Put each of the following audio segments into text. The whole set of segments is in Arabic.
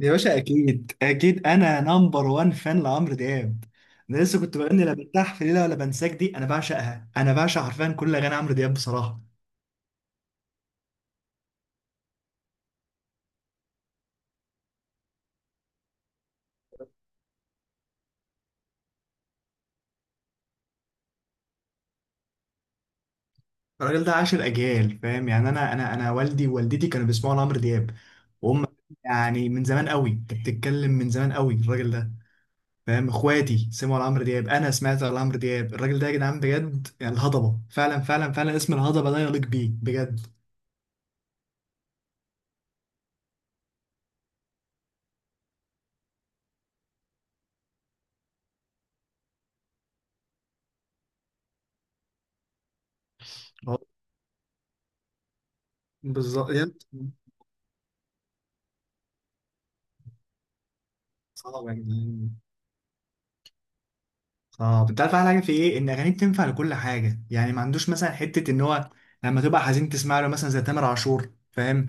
يا باشا اكيد اكيد انا نمبر وان فان لعمرو دياب. انا لسه كنت بغني لا برتاح في ليله ولا بنساك دي، انا بعشقها، انا بعشق حرفيا كل اغاني عمرو دياب بصراحه. الراجل ده عاشر اجيال فاهم يعني انا والدي ووالدتي كانوا بيسمعوا لعمرو دياب وهم يعني من زمان قوي، انت بتتكلم من زمان قوي الراجل ده فاهم. اخواتي سمعوا لعمرو دياب، انا سمعت لعمرو دياب، الراجل ده يا جدعان بجد يعني الهضبه فعلا فعلا فعلا، اسم الهضبه ده يليق بيه بجد. هو- بالظبط. صعب يا جدعان. اه، انت عارف احلى حاجه في ايه؟ ان اغانيه بتنفع لكل حاجه، يعني ما عندوش مثلا حته ان هو لما تبقى حزين تسمع له مثلا زي تامر عاشور فاهم،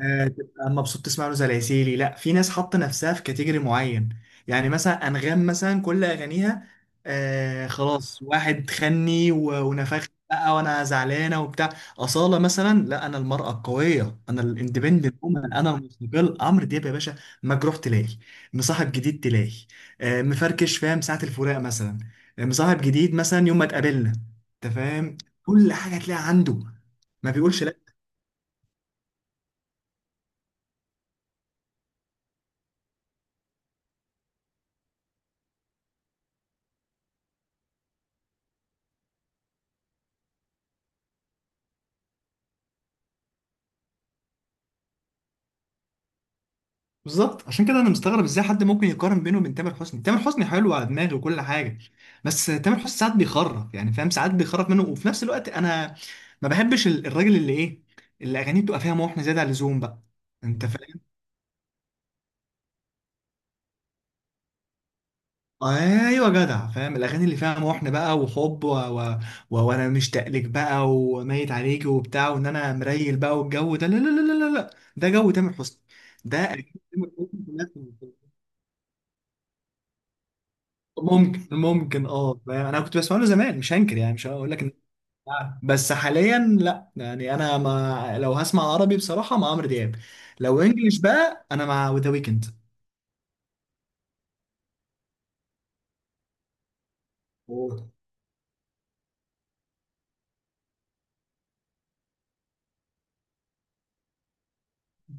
تبقى مبسوط تسمع له زي العسيلي. لا، في ناس حاطه نفسها في كاتيجوري معين، يعني مثلا انغام مثلا كل اغانيها آه خلاص، واحد ونفخني بقى وانا زعلانه وبتاع. اصاله مثلا، لا انا المراه القويه، انا الاندبندنت وومن، انا المستقل. عمرو دياب يا باشا مجروح تلاقي، مصاحب جديد تلاقي، آه مفركش فاهم، ساعه الفراق مثلا، مصاحب جديد مثلا، يوم ما اتقابلنا، انت فاهم، كل حاجه تلاقي عنده ما بيقولش. بالظبط، عشان كده انا مستغرب ازاي حد ممكن يقارن بينه وبين تامر حسني. تامر حسني حلو على دماغي وكل حاجه، بس تامر حسني ساعات بيخرف يعني فاهم، ساعات بيخرف منه، وفي نفس الوقت انا ما بحبش الراجل اللي ايه، اللي اغانيه بتبقى فيها محن زياده عن اللزوم بقى. انت فاهم. ايوه جدع، فاهم الاغاني اللي فيها محن بقى وحب وانا مشتاق لك بقى وميت عليك وبتاع، وان انا مريل بقى والجو ده لا لا لا لا لا لا. ده جو تامر حسني، ده أغاني تامر حسني كلها. ممكن اه، انا كنت بسمع له زمان مش هنكر، يعني مش هقول لك ان. بس حاليا لا، يعني انا، ما لو هسمع عربي بصراحه مع عمرو دياب، لو انجليش بقى انا مع ذا ويكند. أوه.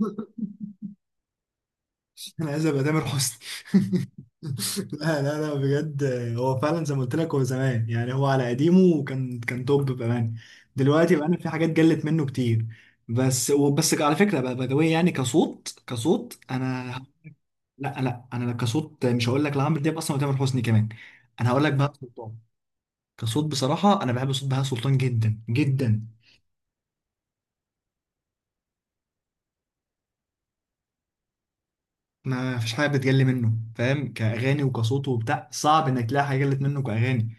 انا عايز ابقى تامر حسني. لا لا لا، بجد هو فعلا زي ما قلت لك، هو زمان يعني هو على قديمه، وكان توب بامانه. دلوقتي بقى في حاجات قلت منه كتير، بس. وبس على فكره بقى، باي ذا واي، يعني كصوت، كصوت انا، لا لا، انا كصوت مش هقول لك لعمرو دياب اصلا وتامر حسني كمان، انا هقول لك بهاء سلطان. كصوت بصراحه انا بحب صوت بهاء سلطان جدا جدا. ما فيش حاجه بتجلي منه فاهم، كاغاني وكصوته وبتاع، صعب انك تلاقي حاجه جلت منه كاغاني.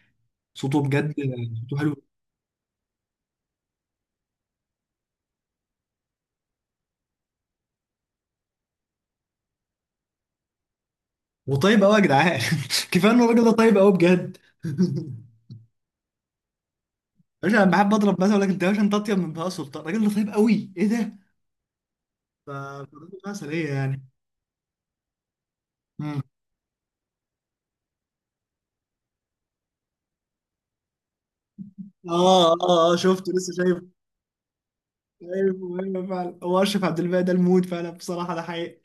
صوته بجد، صوته حلو، وطيب قوي يا جدعان. كفايه ان الراجل ده طيب قوي بجد. مش انا بحب اضرب مثلا، اقول لك انت يا باشا انت اطيب من بهاء سلطان. الراجل ده طيب قوي، ايه ده؟ فالراجل ده مثلا ايه يعني. مم. اه اه اه، شفته، لسه شايف. ايوه ايوه فعلا، هو اشرف عبد الباقي ده الموت فعلا بصراحه، ده حقيقي.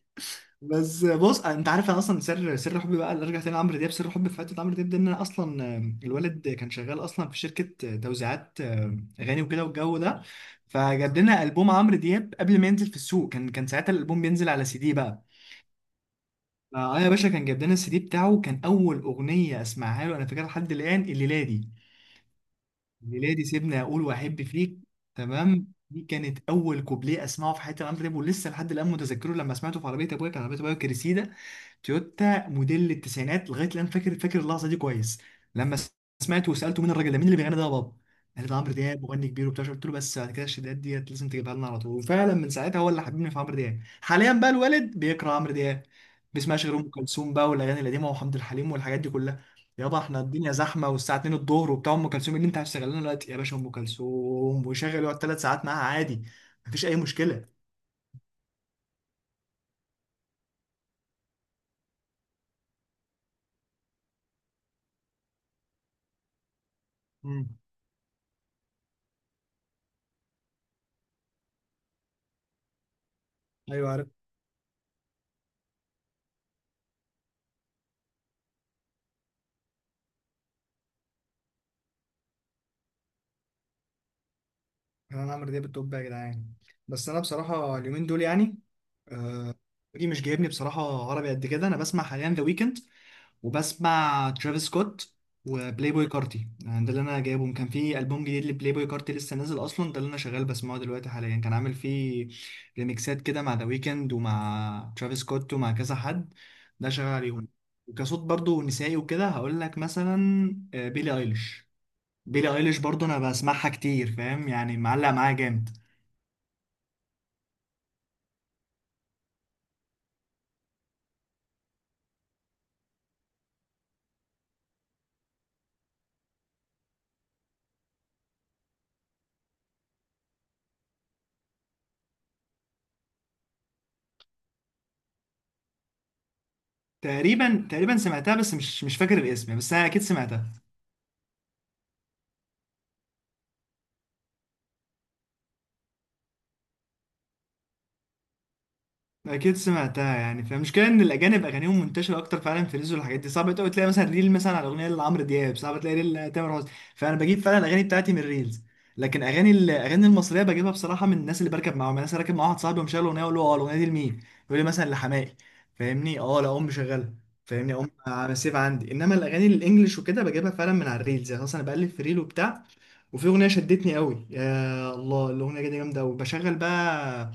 بس بص، انت عارف انا اصلا سر حبي بقى اللي ارجع تاني لعمرو دياب، سر حبي في حته عمرو دياب ده ان انا اصلا، الولد كان شغال اصلا في شركه توزيعات اغاني وكده والجو ده، فجاب لنا البوم عمرو دياب قبل ما ينزل في السوق. كان ساعتها الالبوم بينزل على سي دي بقى. اه يا باشا، كان جاب لنا السي دي بتاعه، كان اول اغنيه اسمعها له انا فاكرها لحد الان، الليله دي ميلادي سيبني اقول واحب فيك، تمام. دي كانت اول كوبليه اسمعه في حياتي عمرو دياب، ولسه لحد الان متذكره لما سمعته في عربيه ابويا. كان عربيه ابويا كريسيدا، تويوتا موديل التسعينات. لغايه الان فاكر، فاكر اللحظه دي كويس، لما سمعته وسالته مين الراجل ده؟ مين اللي بيغني ده يا بابا؟ قال ده عمرو دياب مغني كبير وبتاع. قلت له بس بعد كده الشدات ديت لازم تجيبها لنا على طول. وفعلا من ساعتها هو اللي حببني في عمرو دياب. حاليا بقى الوالد بيكره عمرو دياب، بيسمعش غير ام كلثوم بقى والاغاني القديمه وحمد الحليم والحاجات دي كلها. يابا احنا الدنيا زحمه والساعه 2 الظهر وبتاع ام كلثوم، إيه اللي انت هتشتغل لنا دلوقتي يا باشا؟ ام كلثوم ويشغل يقعد 3 ساعات معاها عادي، مفيش اي مشكله. امم. ايوه، يعني انا عمرو دياب التوب يا جدعان، بس انا بصراحه اليومين دول يعني دي مش جايبني بصراحه عربي قد كده. انا بسمع حاليا ذا ويكند، وبسمع ترافيس سكوت، وبلاي بوي كارتي، يعني ده اللي انا جايبهم. كان في البوم جديد لبلاي بوي كارتي لسه نازل اصلا، ده اللي انا شغال بسمعه دلوقتي حاليا. كان عامل فيه ريميكسات كده مع ذا ويكند، ومع ترافيس سكوت، ومع كذا حد، ده شغال عليهم. وكصوت برضو نسائي وكده هقول لك مثلا بيلي ايليش. بيلي ايليش برضو انا بسمعها كتير، فاهم يعني، معلق معايا جامد. تقريبا تقريبا سمعتها، بس مش فاكر الاسم، بس انا اكيد سمعتها. اكيد سمعتها يعني، فالمشكله ان الاجانب اغانيهم منتشره اكتر فعلا في الريلز، والحاجات دي صعب قوي تلاقي مثلا ريل مثلا على اغنيه لعمرو دياب، صعب تلاقي ريل لتامر حسني. فانا بجيب فعلا الاغاني بتاعتي من الريلز، لكن اغاني، الاغاني المصريه بجيبها بصراحه من الناس اللي بركب معاهم. الناس راكب مع واحد صاحبي ومشغل اغنيه، اقول له اه الاغنيه دي لمين؟ يقول لي مثلا لحماقي فاهمني. اه لا، ام مشغلها فاهمني، ام على سيف عندي. انما الاغاني الانجليش وكده بجيبها فعلا من على الريلز، يعني مثلا بقلب في ريل وبتاع وفي اغنيه شدتني قوي، يا الله الاغنيه دي جامده قوي، بشغل بقى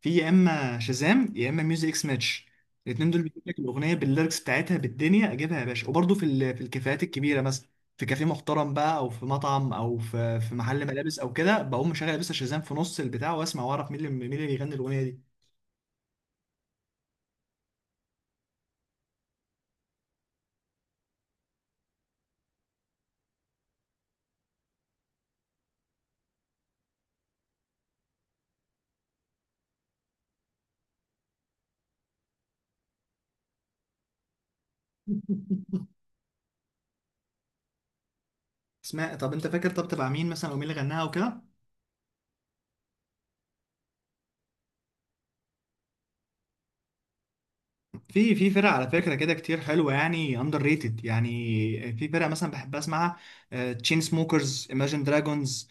في يا اما شازام يا اما ميوزك اكس ماتش، الاثنين دول بيجيب لك الاغنيه بالليركس بتاعتها بالدنيا، اجيبها يا باشا. وبرده في في الكافيهات الكبيره مثلا، في كافيه محترم بقى او في مطعم او في محل ملابس او كده، بقوم مشغل بس شازام في نص البتاع واسمع واعرف مين اللي بيغني الاغنيه دي اسمها. طب انت فاكر طب تبع مين مثلا، او مين اللي غناها وكده؟ في في فرق على فكرة كده كتير حلوة، يعني اندر ريتد، يعني في فرق مثلا بحب اسمعها: تشين سموكرز، ايماجين دراجونز،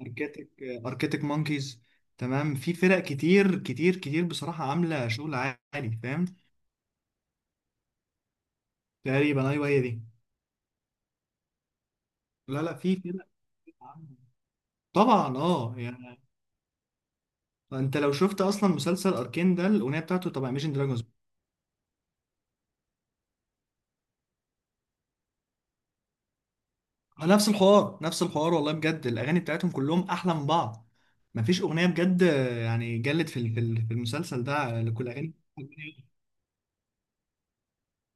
اركيتك اركيتك مونكيز. تمام. في فرق كتير كتير كتير بصراحة عاملة شغل عالي، فاهم. تقريبا ايوه هي دي. لا لا، في فرق عاملة. طبعا، اه يعني انت لو شفت اصلا مسلسل اركين ده، الاغنية بتاعته طبعا ايماجين دراجونز. ما نفس الحوار نفس الحوار والله بجد، الاغاني بتاعتهم كلهم احلى من بعض. مفيش اغنيه بجد، يعني جلت في في المسلسل ده لكل اغاني.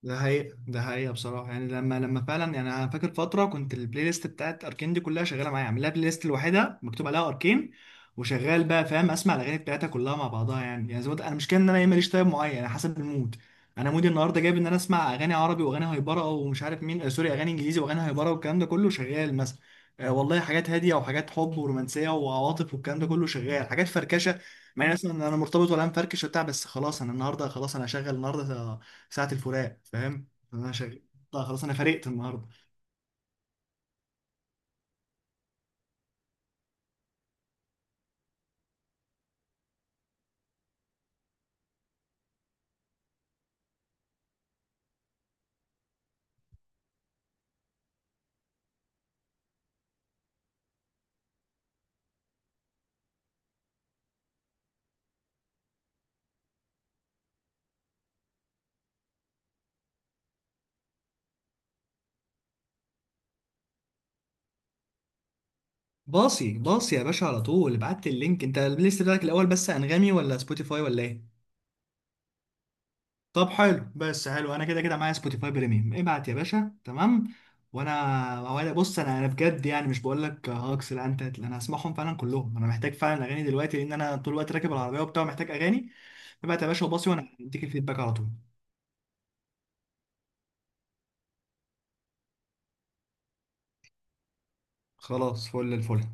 ده حقيقة، ده حقيقة بصراحة. يعني لما فعلا يعني أنا فاكر فترة كنت البلاي ليست بتاعت أركين دي كلها شغالة معايا، عامل لها بلاي ليست لوحدها مكتوب عليها أركين، وشغال بقى فاهم، أسمع الأغاني بتاعتها كلها مع بعضها، يعني يعني زي ما قلت، أنا مش كده إن أنا إيه، ماليش تايب معين، أنا حسب المود. أنا مودي النهاردة جايب إن أنا أسمع أغاني عربي وأغاني هايبرة ومش عارف مين، سوري، أغاني إنجليزي وأغاني هايبرة والكلام ده كله شغال مثلا، والله حاجات هادية وحاجات حب ورومانسية وعواطف والكلام ده كله شغال، حاجات فركشة. مع إن مثلا أنا مرتبط ولا مفركش وبتاع، بس خلاص أنا النهاردة، خلاص أنا هشغل النهاردة ساعة الفراق فاهم. انا شغال. طيب خلاص، انا فرقت النهارده. باصي باصي يا باشا، على طول ابعت لي اللينك انت البلاي ليست بتاعك الاول. بس انغامي ولا سبوتيفاي ولا ايه؟ طب حلو، بس حلو، انا كده كده معايا سبوتيفاي بريميوم، ابعت يا باشا، تمام. وانا بص، انا بجد يعني، مش بقول لك هاكس لا، انت، انا هسمعهم فعلا كلهم، انا محتاج فعلا اغاني دلوقتي، لان انا طول الوقت راكب العربيه وبتاع، محتاج اغاني. ابعت يا باشا وباصي وانا هديك الفيدباك على طول. خلاص، فل الفل.